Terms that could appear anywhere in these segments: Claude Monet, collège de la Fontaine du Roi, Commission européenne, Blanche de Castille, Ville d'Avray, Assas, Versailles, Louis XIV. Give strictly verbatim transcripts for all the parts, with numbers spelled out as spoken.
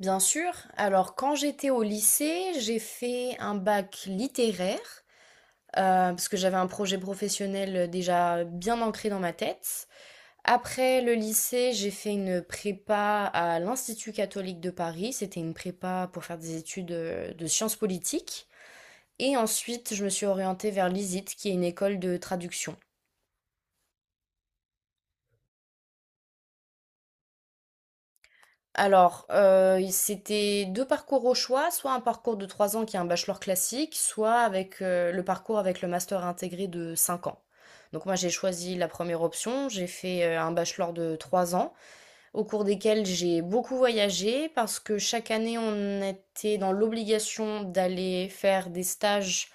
Bien sûr. Alors, quand j'étais au lycée, j'ai fait un bac littéraire, euh, parce que j'avais un projet professionnel euh, déjà bien ancré dans ma tête. Après le lycée, j'ai fait une prépa à l'Institut catholique de Paris. C'était une prépa pour faire des études euh, de sciences politiques. Et ensuite, je me suis orientée vers l'ISIT, qui est une école de traduction. Alors, heu, il c'était deux parcours au choix, soit un parcours de trois ans qui est un bachelor classique, soit avec, heu, le parcours avec le master intégré de cinq ans. Donc moi, j'ai choisi la première option, j'ai fait, heu, un bachelor de trois ans, au cours desquels j'ai beaucoup voyagé parce que chaque année, on était dans l'obligation d'aller faire des stages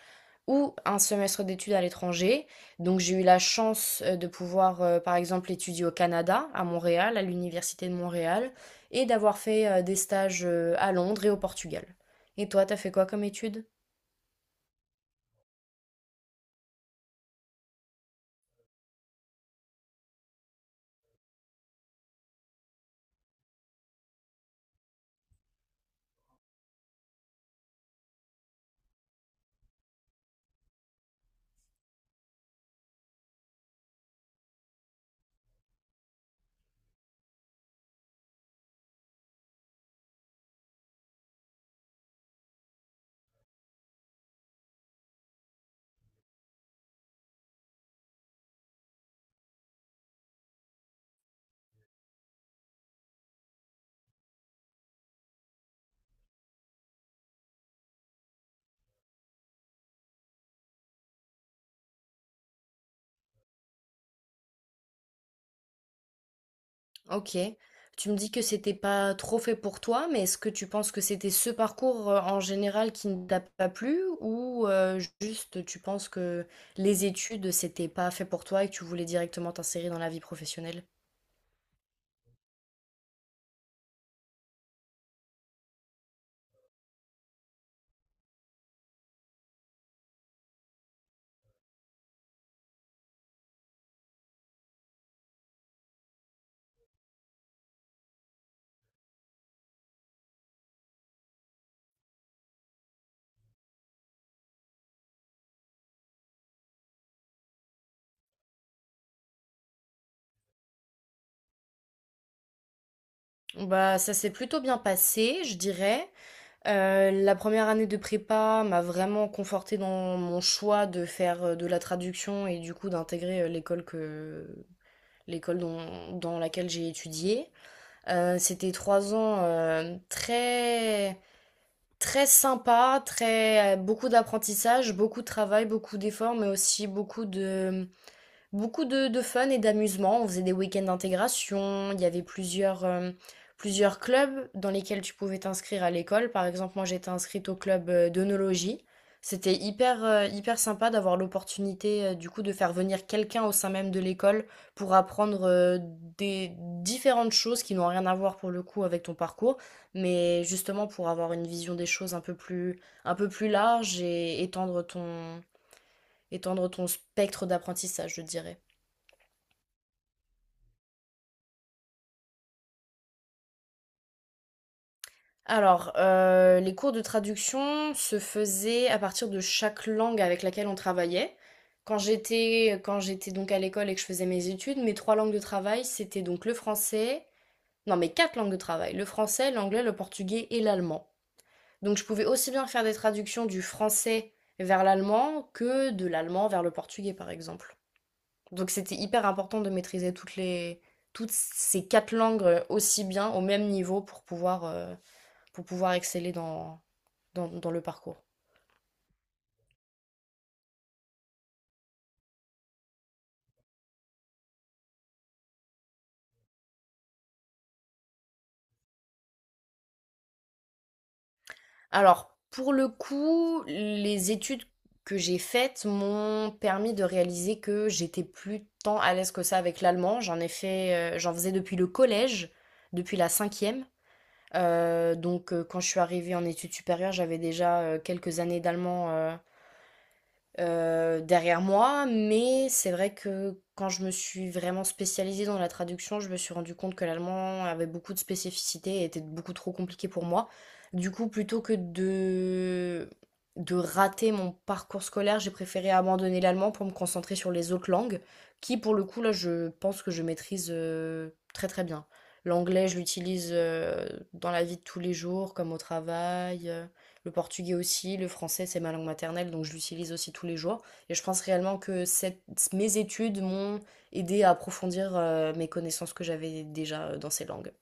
ou un semestre d'études à l'étranger. Donc j'ai eu la chance euh, de pouvoir, euh, par exemple, étudier au Canada, à Montréal, à l'Université de Montréal, et d'avoir fait euh, des stages euh, à Londres et au Portugal. Et toi, t'as fait quoi comme études? Ok. Tu me dis que c'était pas trop fait pour toi, mais est-ce que tu penses que c'était ce parcours euh, en général qui ne t'a pas plu, ou euh, juste tu penses que les études, c'était pas fait pour toi et que tu voulais directement t'insérer dans la vie professionnelle? Bah, ça s'est plutôt bien passé, je dirais. Euh, la première année de prépa m'a vraiment confortée dans mon choix de faire euh, de la traduction et du coup d'intégrer euh, l'école que l'école dont- dans laquelle j'ai étudié. Euh, c'était trois ans euh, très très sympa, très euh, beaucoup d'apprentissage, beaucoup de travail, beaucoup d'efforts, mais aussi beaucoup de Beaucoup de, de fun et d'amusement. On faisait des week-ends d'intégration. Il y avait plusieurs, euh, plusieurs clubs dans lesquels tu pouvais t'inscrire à l'école. Par exemple, moi, j'étais inscrite au club euh, d'onologie. C'était hyper, euh, hyper sympa d'avoir l'opportunité, euh, du coup, de faire venir quelqu'un au sein même de l'école pour apprendre euh, des différentes choses qui n'ont rien à voir pour le coup avec ton parcours, mais justement pour avoir une vision des choses un peu plus, un peu plus large et étendre ton, étendre ton spectre d'apprentissage, je dirais. Alors, heu, les cours de traduction se faisaient à partir de chaque langue avec laquelle on travaillait. Quand j'étais quand j'étais donc à l'école et que je faisais mes études, mes trois langues de travail, c'était donc le français non, mes quatre langues de travail, le français, l'anglais, le portugais et l'allemand. Donc je pouvais aussi bien faire des traductions du français vers l'allemand que de l'allemand vers le portugais, par exemple. Donc c'était hyper important de maîtriser toutes les toutes ces quatre langues, aussi bien, au même niveau pour pouvoir, heu, pour pouvoir exceller dans, dans, dans le parcours. Alors, pour le coup, les études que j'ai faites m'ont permis de réaliser que j'étais plus tant à l'aise que ça avec l'allemand. J'en ai fait, euh, j'en faisais depuis le collège, depuis la cinquième. Euh, donc, euh, quand je suis arrivée en études supérieures, j'avais déjà euh, quelques années d'allemand euh, euh, derrière moi, mais c'est vrai que quand je me suis vraiment spécialisée dans la traduction, je me suis rendu compte que l'allemand avait beaucoup de spécificités et était beaucoup trop compliqué pour moi. Du coup, plutôt que de, de rater mon parcours scolaire, j'ai préféré abandonner l'allemand pour me concentrer sur les autres langues, qui pour le coup, là, je pense que je maîtrise euh, très très bien. L'anglais, je l'utilise euh, dans la vie de tous les jours, comme au travail. euh, le portugais aussi, le français, c'est ma langue maternelle, donc je l'utilise aussi tous les jours. Et je pense réellement que cette- mes études m'ont aidé à approfondir euh, mes connaissances que j'avais déjà euh, dans ces langues.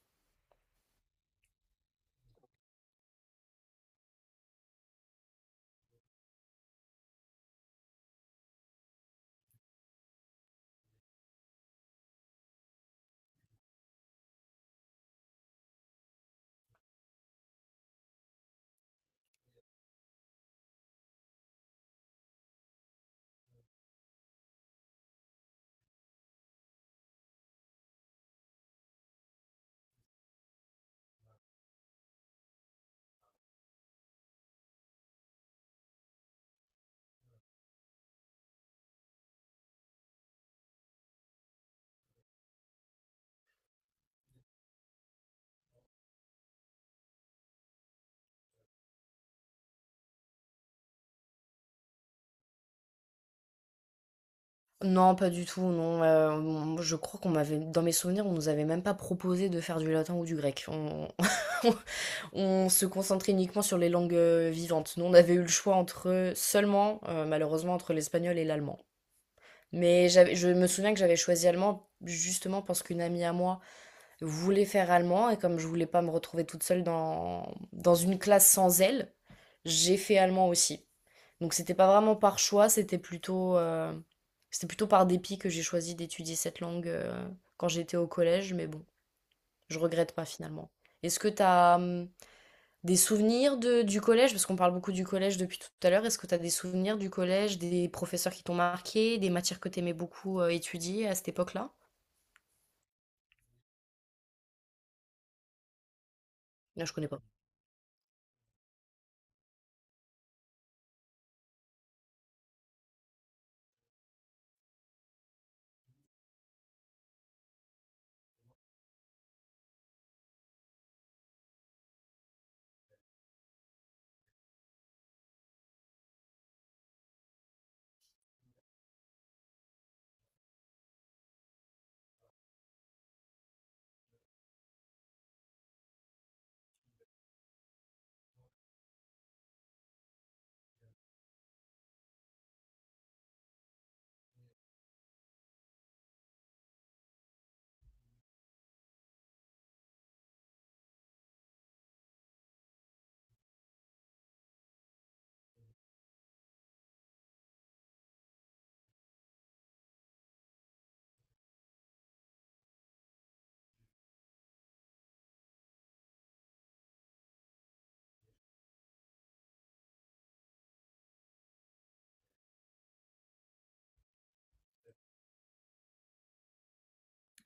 Non, pas du tout, non. euh, on- je crois qu'on m'avait, dans mes souvenirs, on nous avait même pas proposé de faire du latin ou du grec. On, on se concentrait uniquement sur les langues euh, vivantes. Nous, on avait eu le choix entre seulement, euh, malheureusement, entre l'espagnol et l'allemand. Mais j'avais- je me souviens que j'avais choisi allemand justement parce qu'une amie à moi voulais faire allemand et comme je voulais pas me retrouver toute seule dans, dans une classe sans elle, j'ai fait allemand aussi. Donc c'était pas vraiment par choix, c'était plutôt, euh, c'était plutôt par dépit que j'ai choisi d'étudier cette langue euh, quand j'étais au collège, mais bon, je regrette pas finalement. Est-ce que t'as hum, des souvenirs de, du collège? Parce qu'on parle beaucoup du collège depuis tout à l'heure. Est-ce que t'as des souvenirs du collège, des professeurs qui t'ont marqué, des matières que t'aimais beaucoup euh, étudier à cette époque-là? Là, je connais pas.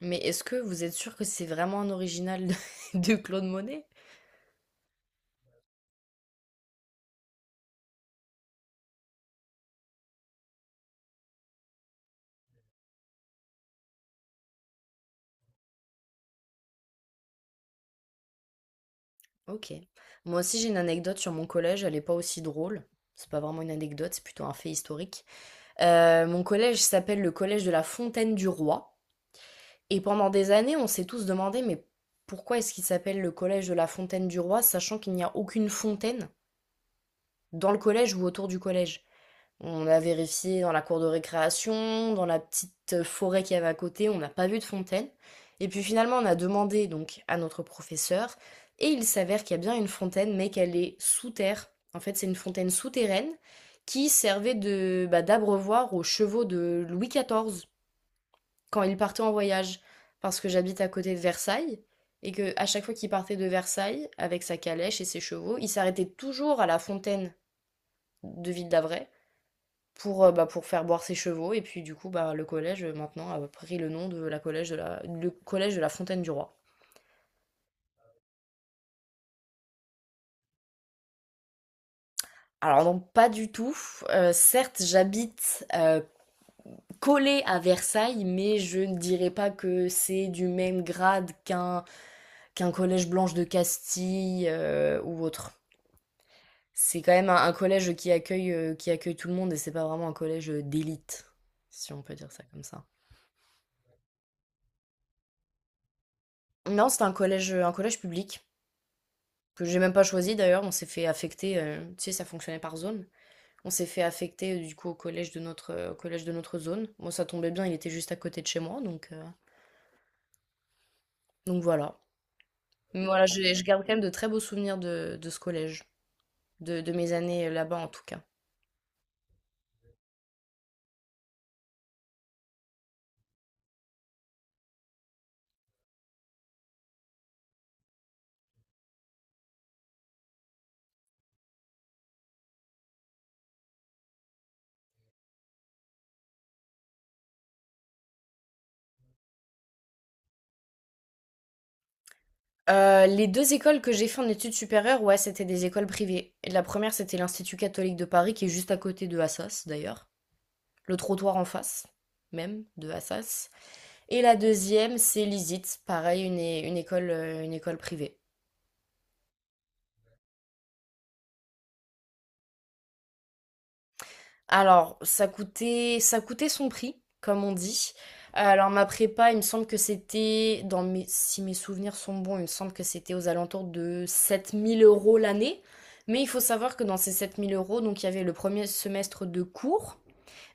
Mais est-ce que vous êtes sûr que c'est vraiment un original de de Claude Monet? OK. Moi aussi, j'ai une anecdote sur mon collège, elle est pas aussi drôle. C'est pas vraiment une anecdote, c'est plutôt un fait historique. Heu, mon collège s'appelle le collège de la Fontaine du Roi et pendant des années, on s'est tous demandé: «Mais pourquoi est-ce qu'il s'appelle le collège de la Fontaine du Roi ?» sachant qu'il n'y a aucune fontaine dans le collège ou autour du collège. On a vérifié dans la cour de récréation, dans la petite euh, forêt qu'il y avait à côté, on n'a pas vu de fontaine. Et puis finalement, on a demandé donc à notre professeur, et il s'avère qu'il y a bien une fontaine, mais qu'elle est sous terre. En fait, c'est une fontaine souterraine qui servait de bah, d'abreuvoir aux chevaux de Louis quatorze quand il partait en voyage. Parce que j'habite à côté de Versailles, et que à chaque fois qu'il partait de Versailles avec sa calèche et ses chevaux, il s'arrêtait toujours à la fontaine de Ville d'Avray pour, heu, bah, pour faire boire ses chevaux et puis du coup, bah, le collège, heu, maintenant a pris le nom de la collège de la le collège de la Fontaine du Roi. Alors non, pas du tout, heu, certes j'habite, heu, collée à Versailles, mais je ne dirais pas que c'est du même grade qu'un qu'un collège Blanche de Castille, heu, ou autre. C'est quand même un un collège qui accueille, heu, qui accueille tout le monde et c'est pas vraiment un collège d'élite, si on peut dire ça comme ça. Non, c'est un collège, un collège public. que j'ai même pas choisi d'ailleurs, on s'est fait affecter, euh, tu sais, ça fonctionnait par zone. On s'est fait affecter euh, du coup au collège de notre, euh, au collège de notre zone. Moi, ça tombait bien, il était juste à côté de chez moi, donc, euh, donc voilà. Mais voilà, j'ai- je, garde quand même de très beaux souvenirs de, de ce collège, de, de mes années euh, là-bas en tout cas. Euh, les deux écoles que j'ai fait en études supérieures, ouais, c'était des écoles privées. Et la première, c'était l'Institut catholique de Paris, qui est juste à côté de Assas d'ailleurs, le trottoir en face même de Assas. Et la deuxième, c'est l'ISIT, pareil, une, é- une école, euh, une école privée. Alors, ça coûtait, ça coûtait son prix, comme on dit. Euh, Alors, ma prépa, il me semble que c'était, dans mes, si mes souvenirs sont bons, il me semble que c'était aux alentours de sept mille euros l'année. Mais il faut savoir que dans ces sept mille euros, donc il y avait le premier semestre de cours,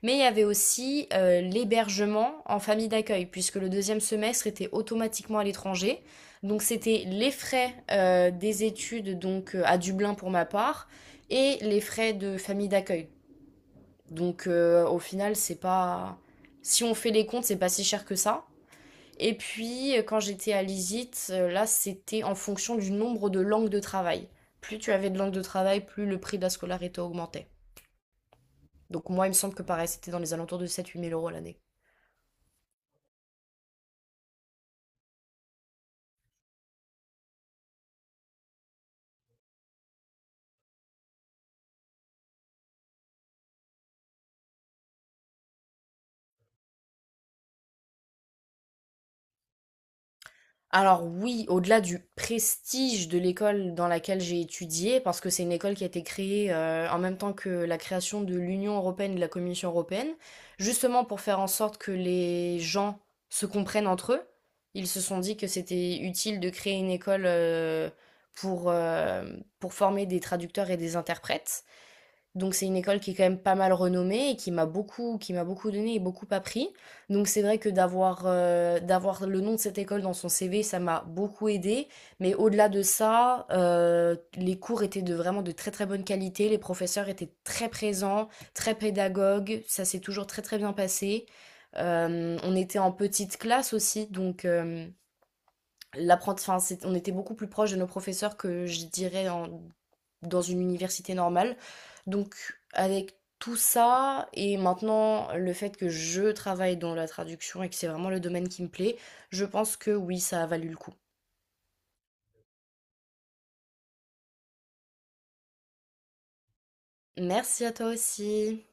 mais il y avait aussi euh, l'hébergement en famille d'accueil, puisque le deuxième semestre était automatiquement à l'étranger. Donc c'était les frais euh, des études donc euh, à Dublin pour ma part et les frais de famille d'accueil. Donc euh, au final, c'est pas si on fait les comptes, c'est pas si cher que ça. Et puis euh, quand j'étais à l'ISIT, euh, là c'était en fonction du nombre de langues de travail. Plus tu avais de langues de travail, plus le prix de la scolarité augmentait. Donc moi, il me semble que pareil, c'était dans les alentours de sept huit mille euros l'année. Alors oui, au-delà du prestige de l'école dans laquelle j'ai étudié, parce que c'est une école qui a été créée euh, en même temps que la création de l'Union européenne et de la Commission européenne, justement pour faire en sorte que les gens se comprennent entre eux. Ils se sont dit que c'était utile de créer une école euh, pour, euh, pour former des traducteurs et des interprètes. Donc c'est une école qui est quand même pas mal renommée et qui m'a beaucoup qui m'a beaucoup donné et beaucoup appris. Donc c'est vrai que d'avoir euh, d'avoir le nom de cette école dans son C V, ça m'a beaucoup aidé. Mais au-delà de ça, euh, les cours étaient de vraiment de très très bonne qualité. Les professeurs étaient très présents, très pédagogues. Ça s'est toujours très très bien passé. Euh, on était en petite classe aussi, donc euh, l'apprenti- enfin, c'est- on était beaucoup plus proche de nos professeurs que je dirais en- dans une université normale. Donc avec tout ça et maintenant le fait que je travaille dans la traduction et que c'est vraiment le domaine qui me plaît, je pense que oui, ça a valu le coup. Merci à toi aussi.